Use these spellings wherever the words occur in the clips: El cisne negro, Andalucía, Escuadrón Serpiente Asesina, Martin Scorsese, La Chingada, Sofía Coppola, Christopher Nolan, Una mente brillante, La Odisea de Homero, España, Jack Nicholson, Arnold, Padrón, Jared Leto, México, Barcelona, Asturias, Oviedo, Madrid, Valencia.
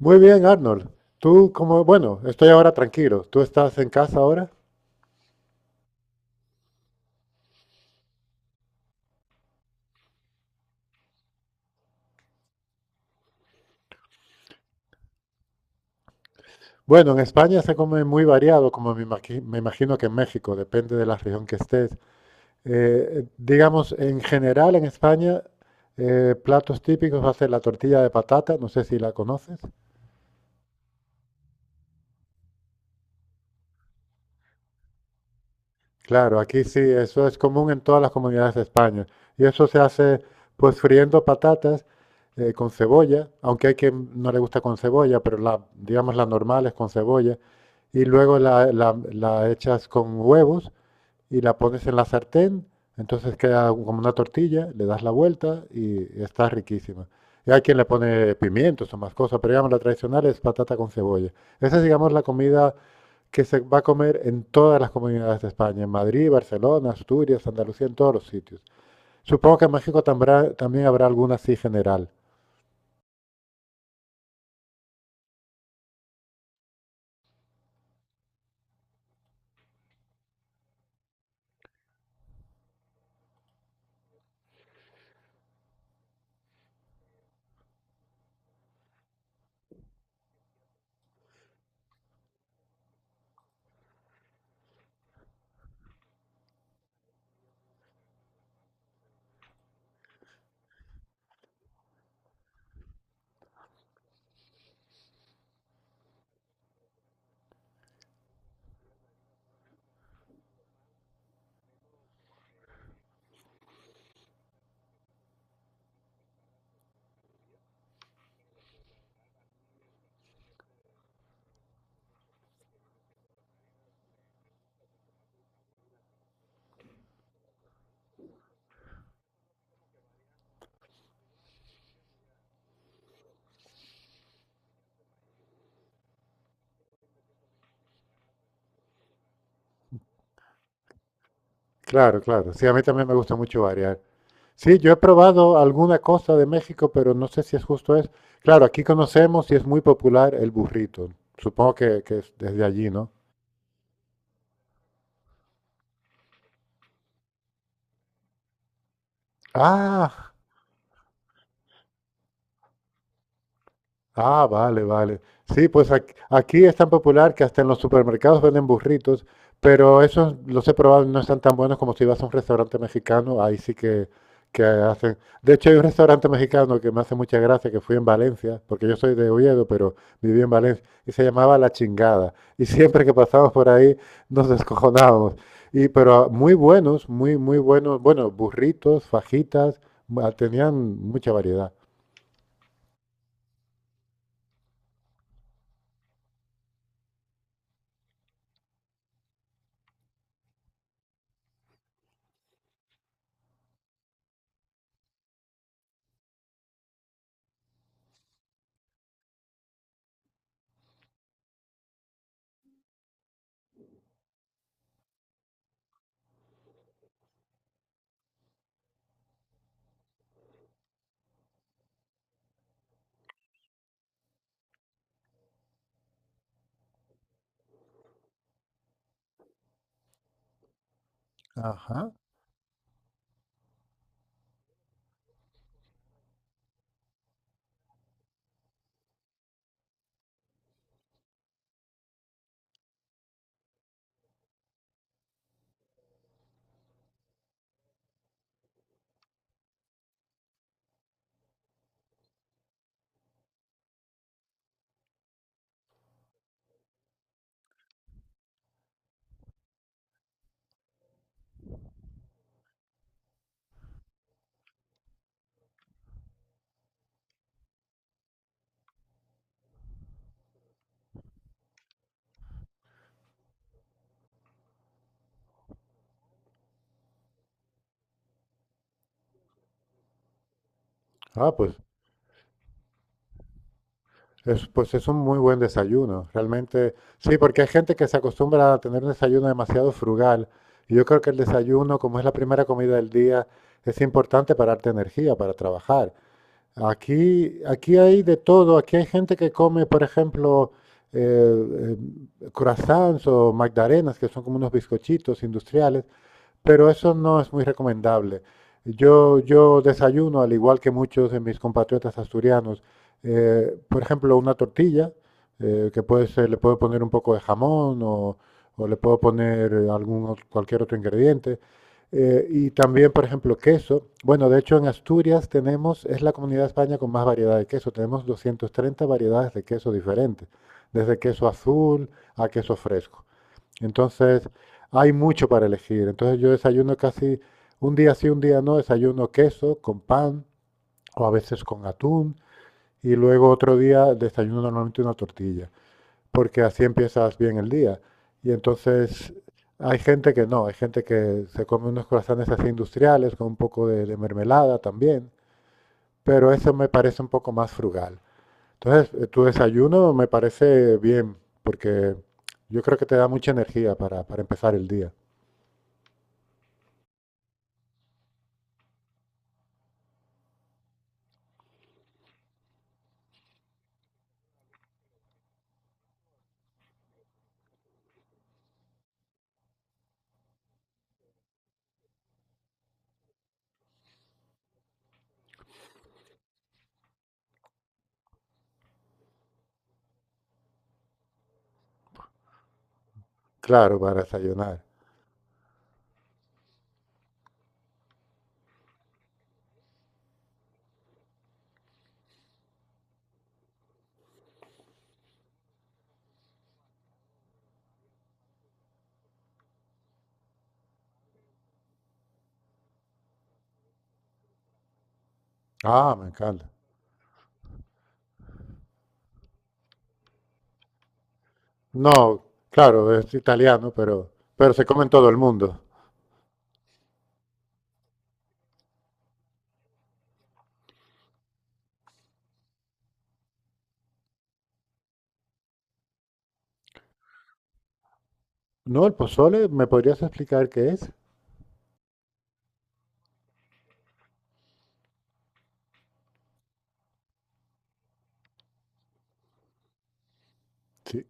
Muy bien, Arnold. Tú como, bueno, estoy ahora tranquilo. ¿Tú estás en casa ahora? Bueno, en España se come muy variado, como me imagino que en México, depende de la región que estés. Digamos, en general en España, platos típicos va a ser la tortilla de patata, no sé si la conoces. Claro, aquí sí, eso es común en todas las comunidades de España. Y eso se hace pues friendo patatas con cebolla, aunque hay quien no le gusta con cebolla, pero digamos la normal es con cebolla. Y luego la echas con huevos y la pones en la sartén, entonces queda como una tortilla, le das la vuelta y está riquísima. Y hay quien le pone pimientos o más cosas, pero digamos la tradicional es patata con cebolla. Esa es, digamos, la comida que se va a comer en todas las comunidades de España, en Madrid, Barcelona, Asturias, Andalucía, en todos los sitios. Supongo que en México también habrá alguna así general. Claro, claro. Sí, a mí también me gusta mucho variar. Sí, yo he probado alguna cosa de México, pero no sé si es justo es. Claro, aquí conocemos y es muy popular el burrito. Supongo que es desde allí, ¿no? Ah, Ah, vale, vale. Sí, pues aquí, es tan popular que hasta en los supermercados venden burritos, pero esos los he probado y no están tan buenos como si vas a un restaurante mexicano, ahí sí que hacen. De hecho, hay un restaurante mexicano que me hace mucha gracia, que fui en Valencia, porque yo soy de Oviedo, pero viví en Valencia, y se llamaba La Chingada. Y siempre que pasábamos por ahí nos descojonábamos. Y, pero muy buenos, muy buenos, bueno, burritos, fajitas, tenían mucha variedad. Ajá. Ah, pues pues es un muy buen desayuno, realmente. Sí, porque hay gente que se acostumbra a tener un desayuno demasiado frugal. Y yo creo que el desayuno, como es la primera comida del día, es importante para darte energía, para trabajar. Aquí, aquí hay de todo. Aquí hay gente que come, por ejemplo, eh, croissants o magdalenas, que son como unos bizcochitos industriales, pero eso no es muy recomendable. Yo desayuno, al igual que muchos de mis compatriotas asturianos, por ejemplo, una tortilla, que le puedo poner un poco de jamón o le puedo poner algún, cualquier otro ingrediente. Y también, por ejemplo, queso. Bueno, de hecho, en Asturias tenemos, es la comunidad de España con más variedad de queso. Tenemos 230 variedades de queso diferentes, desde queso azul a queso fresco. Entonces, hay mucho para elegir. Entonces, yo desayuno casi un día sí, un día no, desayuno queso con pan o a veces con atún y luego otro día desayuno normalmente una tortilla, porque así empiezas bien el día. Y entonces hay gente que no, hay gente que se come unos croissants así industriales con un poco de mermelada también, pero eso me parece un poco más frugal. Entonces, tu desayuno me parece bien, porque yo creo que te da mucha energía para empezar el día. Claro, para desayunar. Ah, me encanta. No, claro, es italiano, pero se come en todo el mundo. No, el pozole, ¿me podrías explicar qué es? Sí,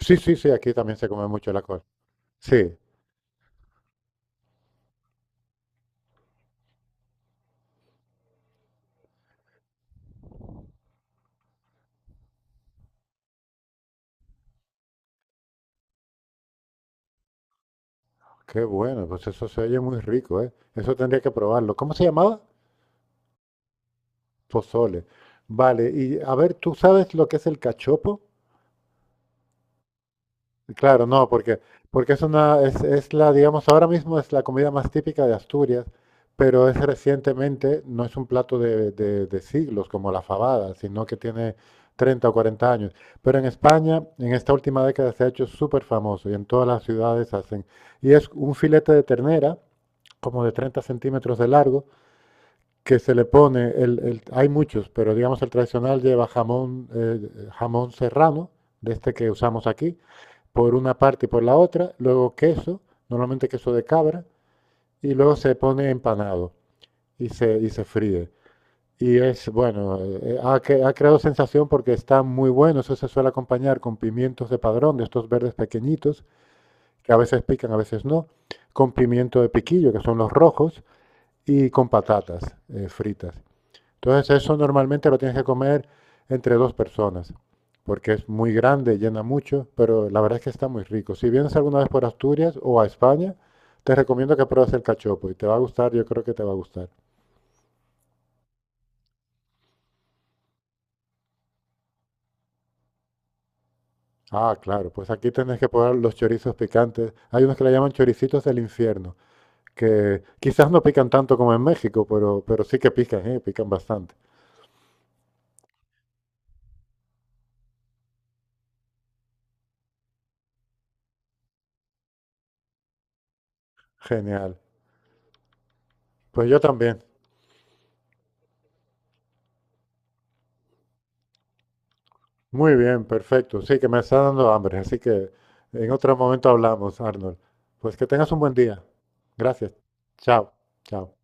sí, sí, sí, aquí también se come mucho la col. Sí, qué bueno, pues eso se oye muy rico, ¿eh? Eso tendría que probarlo. ¿Cómo se llamaba? Pozole. Vale, y a ver, ¿tú sabes lo que es el cachopo? Claro, no, porque, porque es una, es la, digamos, ahora mismo es la comida más típica de Asturias, pero es recientemente, no es un plato de, de siglos como la fabada, sino que tiene 30 o 40 años. Pero en España, en esta última década se ha hecho súper famoso y en todas las ciudades hacen. Y es un filete de ternera, como de 30 centímetros de largo, que se le pone, hay muchos, pero digamos el tradicional lleva jamón, jamón serrano, de este que usamos aquí por una parte y por la otra, luego queso, normalmente queso de cabra, y luego se pone empanado y se fríe. Y es, bueno, ha creado sensación porque está muy bueno, eso se suele acompañar con pimientos de padrón, de estos verdes pequeñitos, que a veces pican, a veces no, con pimiento de piquillo, que son los rojos, y con patatas fritas. Entonces eso normalmente lo tienes que comer entre dos personas, porque es muy grande, llena mucho, pero la verdad es que está muy rico. Si vienes alguna vez por Asturias o a España, te recomiendo que pruebes el cachopo y te va a gustar, yo creo que te va a gustar. Ah, claro, pues aquí tenés que probar los chorizos picantes. Hay unos que le llaman choricitos del infierno, que quizás no pican tanto como en México, pero sí que pican, ¿eh? Pican bastante. Genial. Pues yo también. Muy bien, perfecto. Sí, que me está dando hambre, así que en otro momento hablamos, Arnold. Pues que tengas un buen día. Gracias. Chao, chao.